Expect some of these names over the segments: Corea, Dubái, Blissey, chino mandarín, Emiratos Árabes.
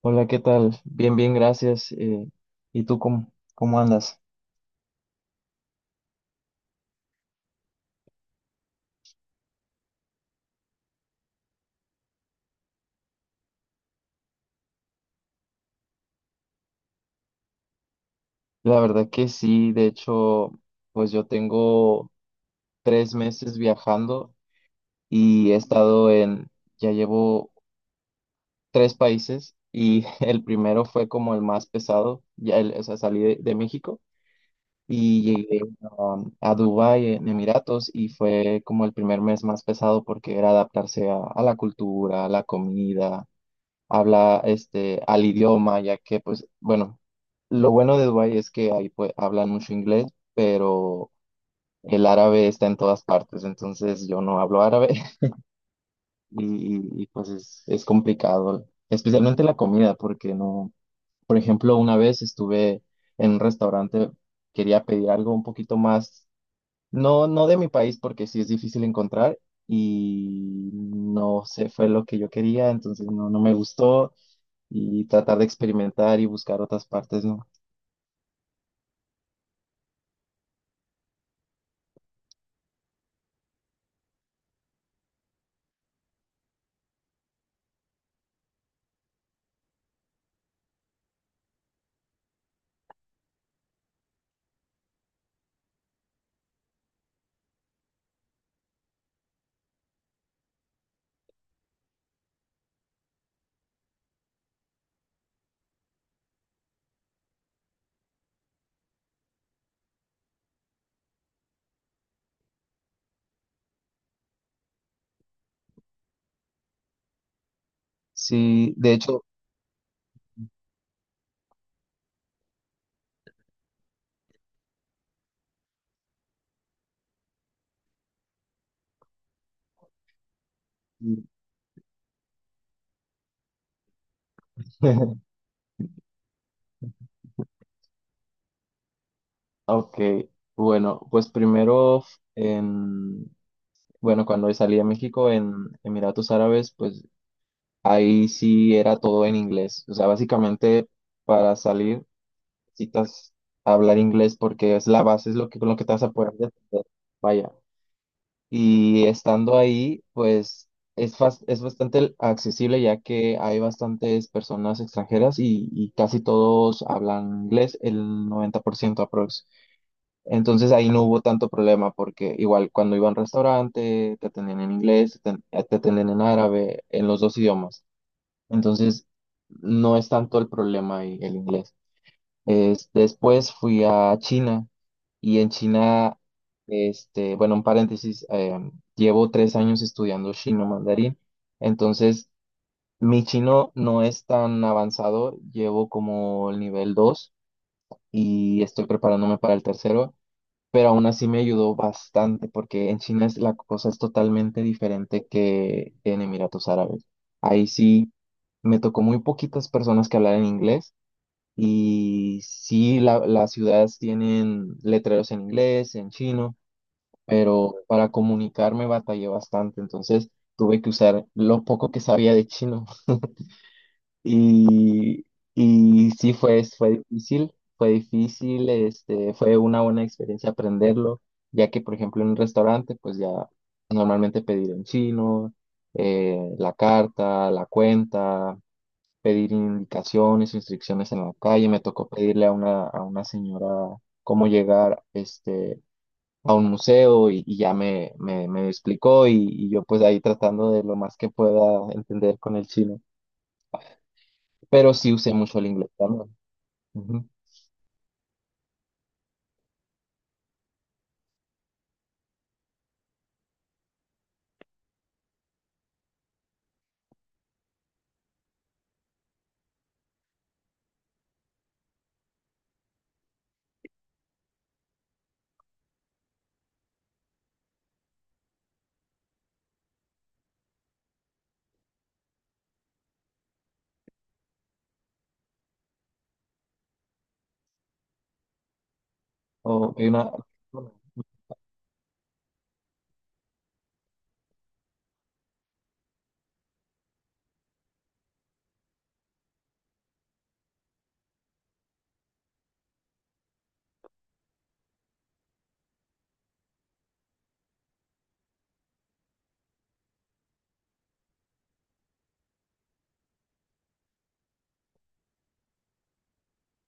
Hola, ¿qué tal? Bien, bien, gracias. ¿Y tú cómo andas? La verdad que sí, de hecho, pues yo tengo 3 meses viajando y ya llevo tres países y el primero fue como el más pesado, ya, o sea, salí de México y llegué a Dubái en Emiratos, y fue como el primer mes más pesado porque era adaptarse a la cultura, a la comida, habla al idioma, ya que pues bueno, lo bueno de Dubái es que ahí pues hablan mucho inglés, pero el árabe está en todas partes, entonces yo no hablo árabe. Y, pues es complicado, especialmente la comida, porque no, por ejemplo, una vez estuve en un restaurante, quería pedir algo un poquito más, no, no de mi país, porque sí es difícil encontrar y no sé, fue lo que yo quería, entonces no, no me gustó, y tratar de experimentar y buscar otras partes, ¿no? Sí, de hecho. Ok, bueno, pues primero, en, bueno, cuando salí a México en Emiratos Árabes, pues ahí sí era todo en inglés. O sea, básicamente para salir necesitas hablar inglés, porque es la base, con lo que te vas a poder defender. Vaya. Y estando ahí, pues es bastante accesible, ya que hay bastantes personas extranjeras y casi todos hablan inglés, el 90% aprox. Entonces ahí no hubo tanto problema, porque igual cuando iba a un restaurante te atendían en inglés, te atendían en árabe, en los dos idiomas. Entonces no es tanto el problema ahí el inglés. Después fui a China. Y en China, este, bueno, un paréntesis, llevo 3 años estudiando chino mandarín. Entonces mi chino no es tan avanzado, llevo como el nivel 2 y estoy preparándome para el tercero, pero aún así me ayudó bastante porque en China la cosa es totalmente diferente que en Emiratos Árabes. Ahí sí me tocó muy poquitas personas que hablaran inglés, y sí las ciudades tienen letreros en inglés, en chino, pero para comunicarme batallé bastante, entonces tuve que usar lo poco que sabía de chino. Y, y sí fue difícil, fue difícil, este, fue una buena experiencia aprenderlo, ya que por ejemplo en un restaurante pues ya normalmente pedir en chino, la carta, la cuenta, pedir indicaciones, instrucciones en la calle. Me tocó pedirle a una señora cómo llegar, a un museo, y ya me explicó, y yo pues ahí tratando de lo más que pueda entender con el chino, pero sí usé mucho el inglés también. Ujú. O hay una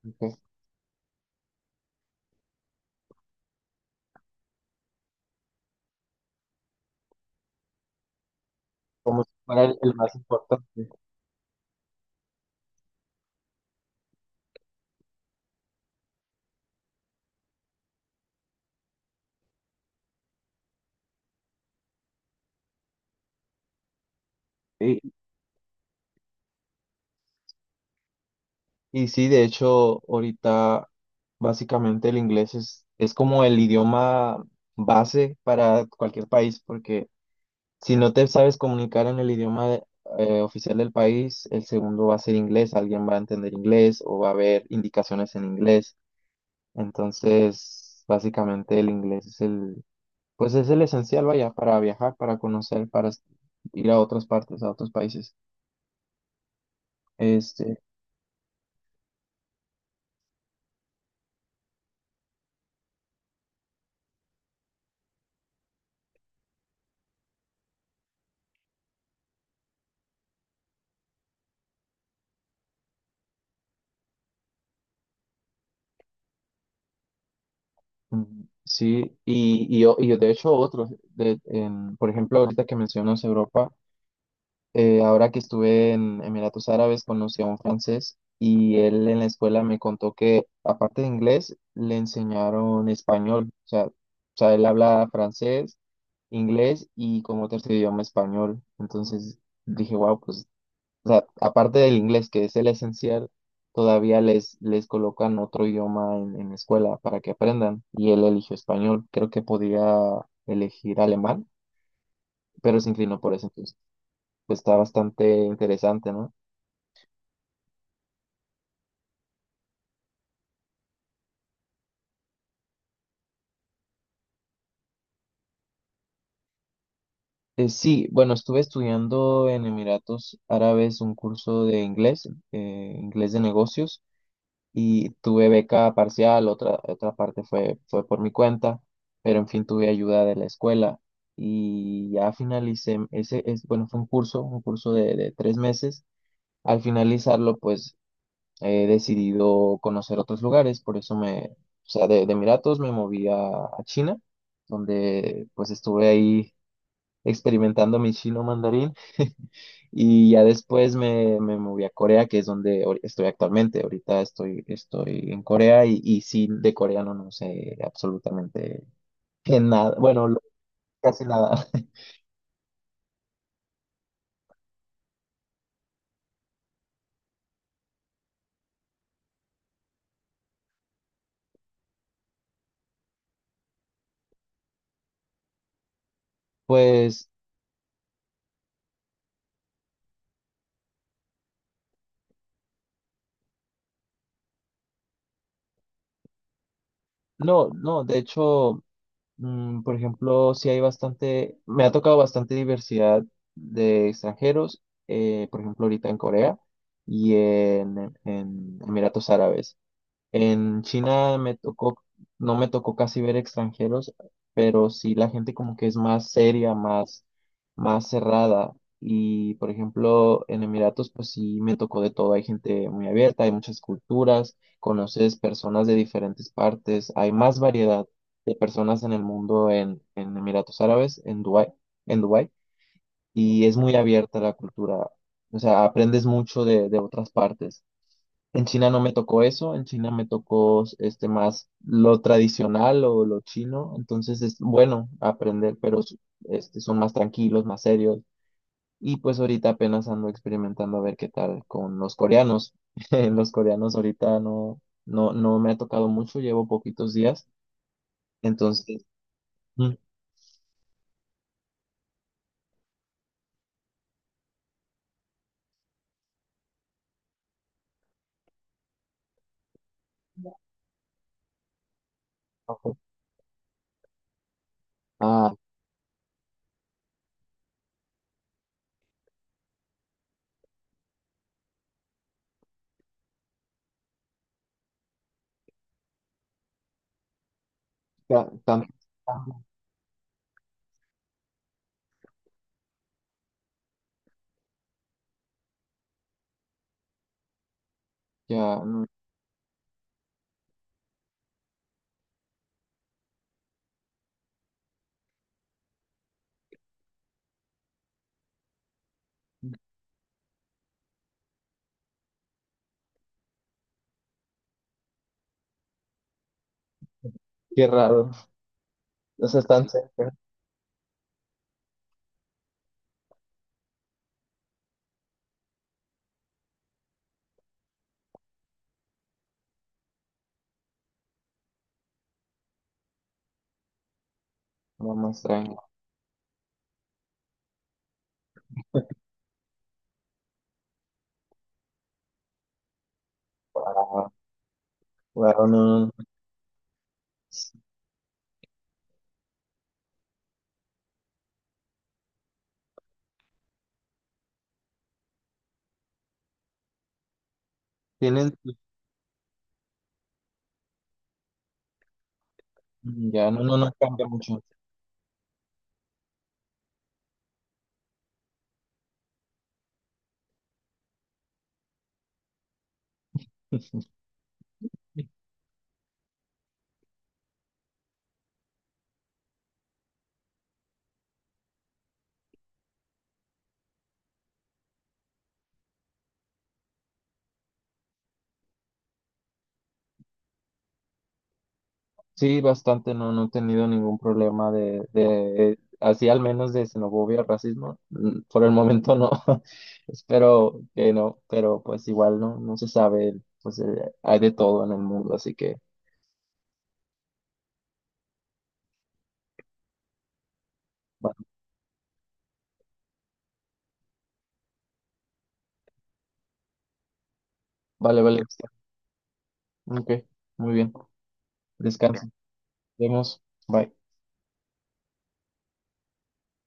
que es como si fuera el más importante. Y, y sí, de hecho, ahorita básicamente el inglés es como el idioma base para cualquier país, porque si no te sabes comunicar en el idioma oficial del país, el segundo va a ser inglés, alguien va a entender inglés, o va a haber indicaciones en inglés. Entonces, básicamente el inglés pues es el esencial, vaya, para viajar, para conocer, para ir a otras partes, a otros países. Este, sí, y yo, de hecho por ejemplo, ahorita que mencionas Europa, ahora que estuve en Emiratos Árabes, conocí a un francés y él en la escuela me contó que aparte de inglés le enseñaron español. O sea, él habla francés, inglés, y como tercer idioma, español. Entonces dije, wow, pues o sea, aparte del inglés, que es el esencial, todavía les colocan otro idioma en la escuela para que aprendan. Y él eligió español. Creo que podía elegir alemán, pero se inclinó por eso. Entonces, pues está bastante interesante, ¿no? Sí, bueno, estuve estudiando en Emiratos Árabes un curso de inglés, inglés de negocios. Y tuve beca parcial, otra parte fue, por mi cuenta, pero en fin tuve ayuda de la escuela y ya finalicé. Bueno, fue un curso de 3 meses. Al finalizarlo, pues he decidido conocer otros lugares. Por eso o sea, de Emiratos me moví a China, donde pues estuve ahí experimentando mi chino mandarín. Y ya después me moví a Corea, que es donde estoy actualmente. Ahorita estoy en Corea. Y sí, de coreano no sé absolutamente que nada. Bueno, casi nada. Pues no, no, de hecho, por ejemplo, sí hay bastante. Me ha tocado bastante diversidad de extranjeros, por ejemplo, ahorita en Corea y en Emiratos Árabes. En China no me tocó casi ver extranjeros, pero sí la gente como que es más seria, más cerrada. Y por ejemplo, en Emiratos, pues sí me tocó de todo. Hay gente muy abierta, hay muchas culturas, conoces personas de diferentes partes, hay más variedad de personas en el mundo en Emiratos Árabes, en Dubái, y es muy abierta la cultura. O sea, aprendes mucho de otras partes. En China no me tocó eso, en China me tocó más lo tradicional o lo chino, entonces es bueno aprender, pero son más tranquilos, más serios. Y pues ahorita apenas ando experimentando a ver qué tal con los coreanos. Los coreanos ahorita no me ha tocado mucho, llevo poquitos días. Entonces, mm, ojo. Ah, ya, ya, mm, qué raro, o sea, están cerca, no, más tranquilo. Wow, no, no, no. Tienen. Mm, ya, no, no, no cambia mucho. Sí, bastante. No, no he tenido ningún problema de, así al menos, de xenofobia, racismo, por el momento no. Espero que no, pero pues igual no, no se sabe. Pues hay de todo en el mundo. Así que va- vale, vale, ok, muy bien. Descansa, nos vemos, bye.